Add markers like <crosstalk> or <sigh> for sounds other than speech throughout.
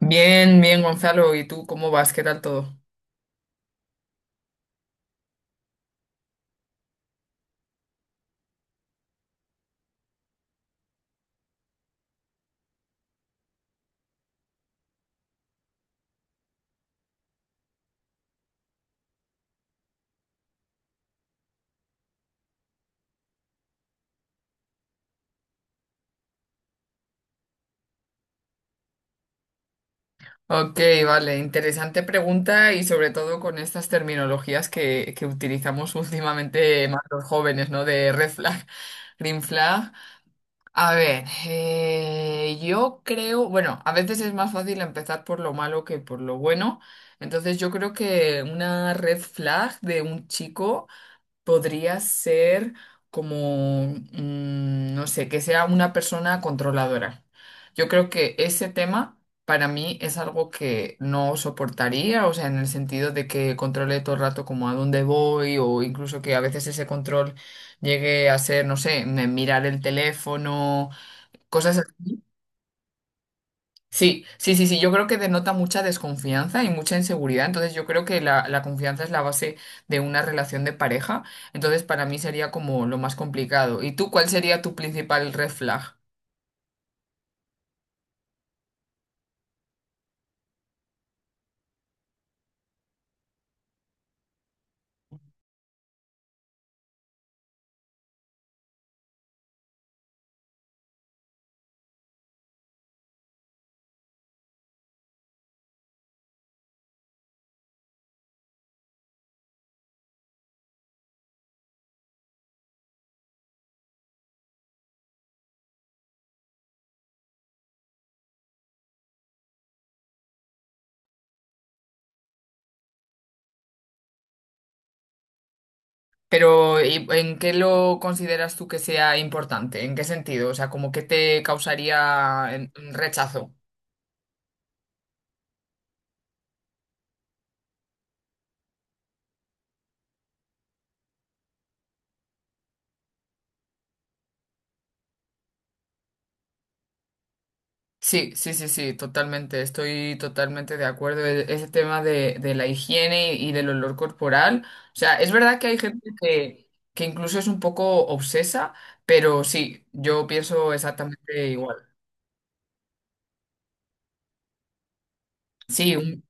Bien, bien, Gonzalo. ¿Y tú cómo vas? ¿Qué tal todo? Ok, vale. Interesante pregunta y sobre todo con estas terminologías que utilizamos <laughs> últimamente más los jóvenes, ¿no? De red flag, green flag. A ver, yo creo, bueno, a veces es más fácil empezar por lo malo que por lo bueno. Entonces yo creo que una red flag de un chico podría ser como, no sé, que sea una persona controladora. Yo creo que ese tema para mí es algo que no soportaría, o sea, en el sentido de que controle todo el rato como a dónde voy o incluso que a veces ese control llegue a ser, no sé, mirar el teléfono, cosas así. Sí, sí, sí, sí, yo creo que denota mucha desconfianza y mucha inseguridad, entonces yo creo que la confianza es la base de una relación de pareja, entonces para mí sería como lo más complicado. ¿Y tú cuál sería tu principal red flag? Pero ¿en qué lo consideras tú que sea importante? ¿En qué sentido? O sea, como que te causaría rechazo. Sí, sí, sí, sí, totalmente. Estoy totalmente de acuerdo. Ese tema de la higiene y del olor corporal. O sea, es verdad que hay gente que incluso es un poco obsesa, pero sí, yo pienso exactamente igual. Sí, un-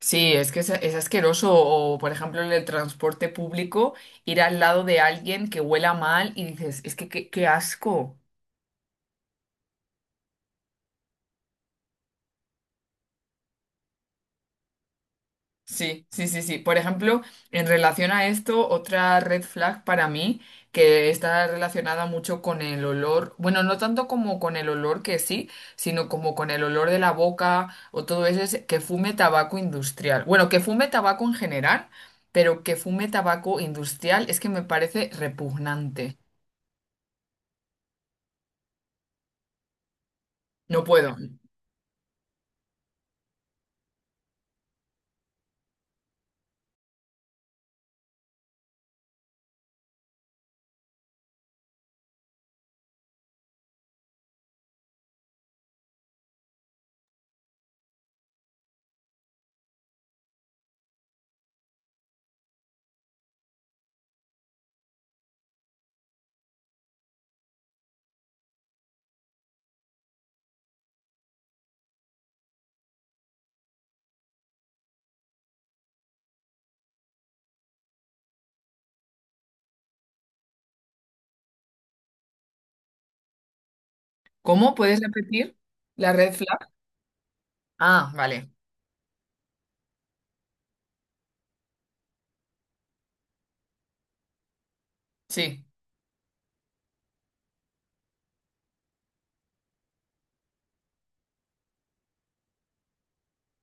sí, es que es asqueroso. O, por ejemplo, en el transporte público, ir al lado de alguien que huela mal y dices, es que qué asco. Sí, sí, sí, sí. Por ejemplo, en relación a esto, otra red flag para mí que está relacionada mucho con el olor, bueno, no tanto como con el olor que sí, sino como con el olor de la boca o todo eso, es que fume tabaco industrial. Bueno, que fume tabaco en general, pero que fume tabaco industrial es que me parece repugnante. No puedo. ¿Cómo? ¿Puedes repetir la red flag? Ah, vale. Sí.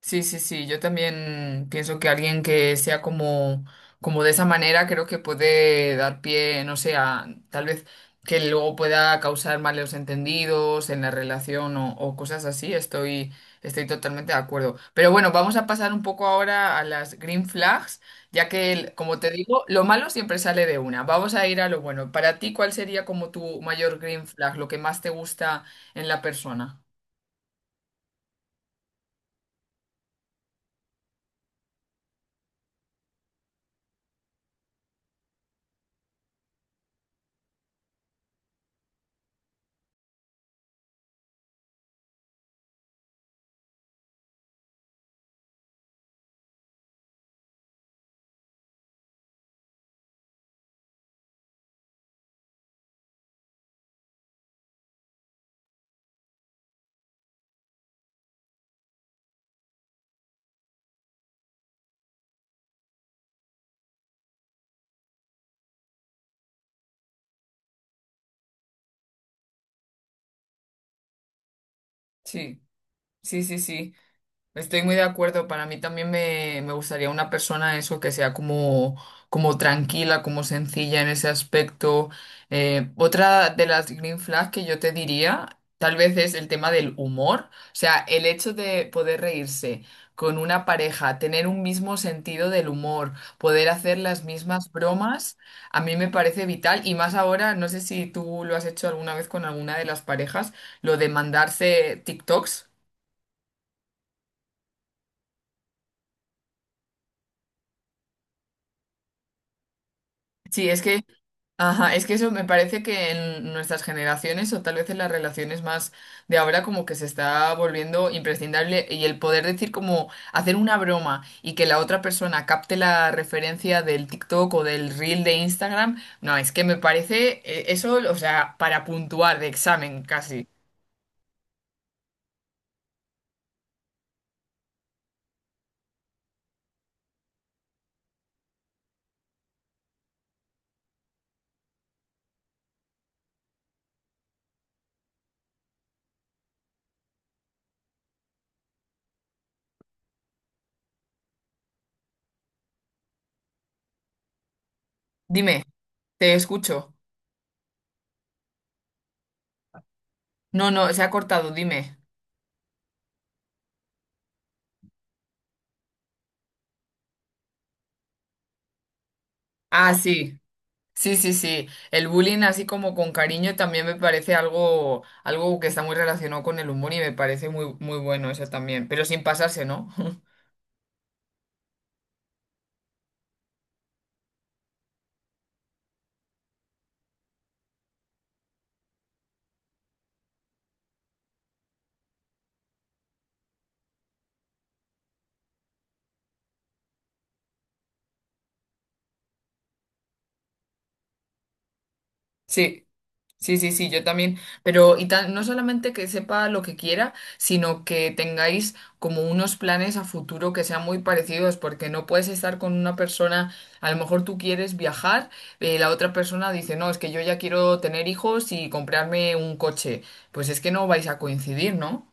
Sí, sí, sí, yo también pienso que alguien que sea como, como de esa manera creo que puede dar pie, no sé, a tal vez que luego pueda causar malos entendidos en la relación o cosas así, estoy, estoy totalmente de acuerdo. Pero bueno, vamos a pasar un poco ahora a las green flags, ya que, como te digo, lo malo siempre sale de una. Vamos a ir a lo bueno. Para ti, ¿cuál sería como tu mayor green flag, lo que más te gusta en la persona? Sí, sí, sí, sí. Estoy muy de acuerdo. Para mí también me gustaría una persona eso que sea como, como tranquila, como sencilla en ese aspecto. Otra de las green flags que yo te diría, tal vez es el tema del humor. O sea, el hecho de poder reírse con una pareja, tener un mismo sentido del humor, poder hacer las mismas bromas, a mí me parece vital. Y más ahora, no sé si tú lo has hecho alguna vez con alguna de las parejas, lo de mandarse TikToks. Sí, es que ajá, es que eso me parece que en nuestras generaciones o tal vez en las relaciones más de ahora como que se está volviendo imprescindible y el poder decir como hacer una broma y que la otra persona capte la referencia del TikTok o del reel de Instagram, no, es que me parece eso, o sea, para puntuar de examen casi. Dime, te escucho. No, no, se ha cortado, dime. Ah, sí. Sí, sí, sí. El bullying así como con cariño también me parece algo, algo que está muy relacionado con el humor y me parece muy, muy bueno eso también, pero sin pasarse, ¿no? <laughs> Sí, sí, sí, sí, yo también. Pero no solamente que sepa lo que quiera, sino que tengáis como unos planes a futuro que sean muy parecidos, porque no puedes estar con una persona, a lo mejor tú quieres viajar, la otra persona dice, no, es que yo ya quiero tener hijos y comprarme un coche. Pues es que no vais a coincidir, ¿no?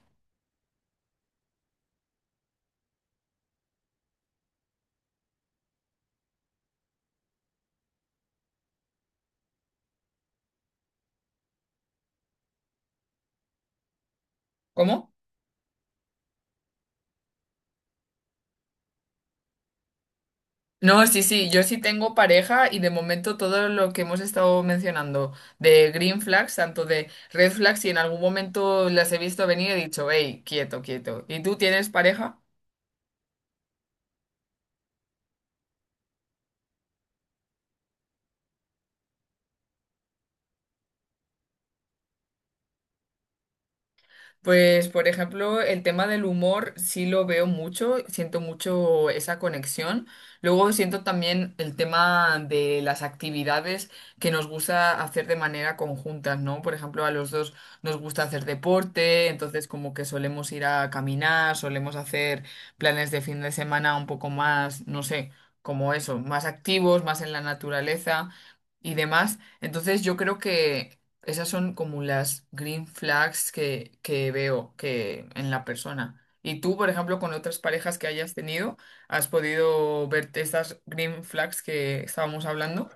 ¿Cómo? No, sí, sí, yo sí tengo pareja y de momento todo lo que hemos estado mencionando de green flags, tanto de red flags, y en algún momento las he visto venir, y he dicho, hey, quieto, quieto. ¿Y tú tienes pareja? Pues, por ejemplo, el tema del humor sí lo veo mucho, siento mucho esa conexión. Luego siento también el tema de las actividades que nos gusta hacer de manera conjunta, ¿no? Por ejemplo, a los dos nos gusta hacer deporte, entonces como que solemos ir a caminar, solemos hacer planes de fin de semana un poco más, no sé, como eso, más activos, más en la naturaleza y demás. Entonces yo creo que esas son como las green flags que veo que en la persona. Y tú, por ejemplo, con otras parejas que hayas tenido, ¿has podido ver estas green flags que estábamos hablando?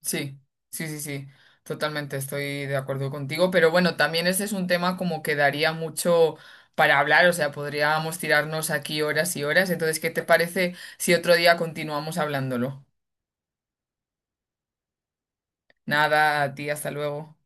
Sí, sí, sí, sí. Totalmente estoy de acuerdo contigo. Pero bueno, también este es un tema como que daría mucho para hablar. O sea, podríamos tirarnos aquí horas y horas. Entonces, ¿qué te parece si otro día continuamos hablándolo? Nada, a ti, hasta luego.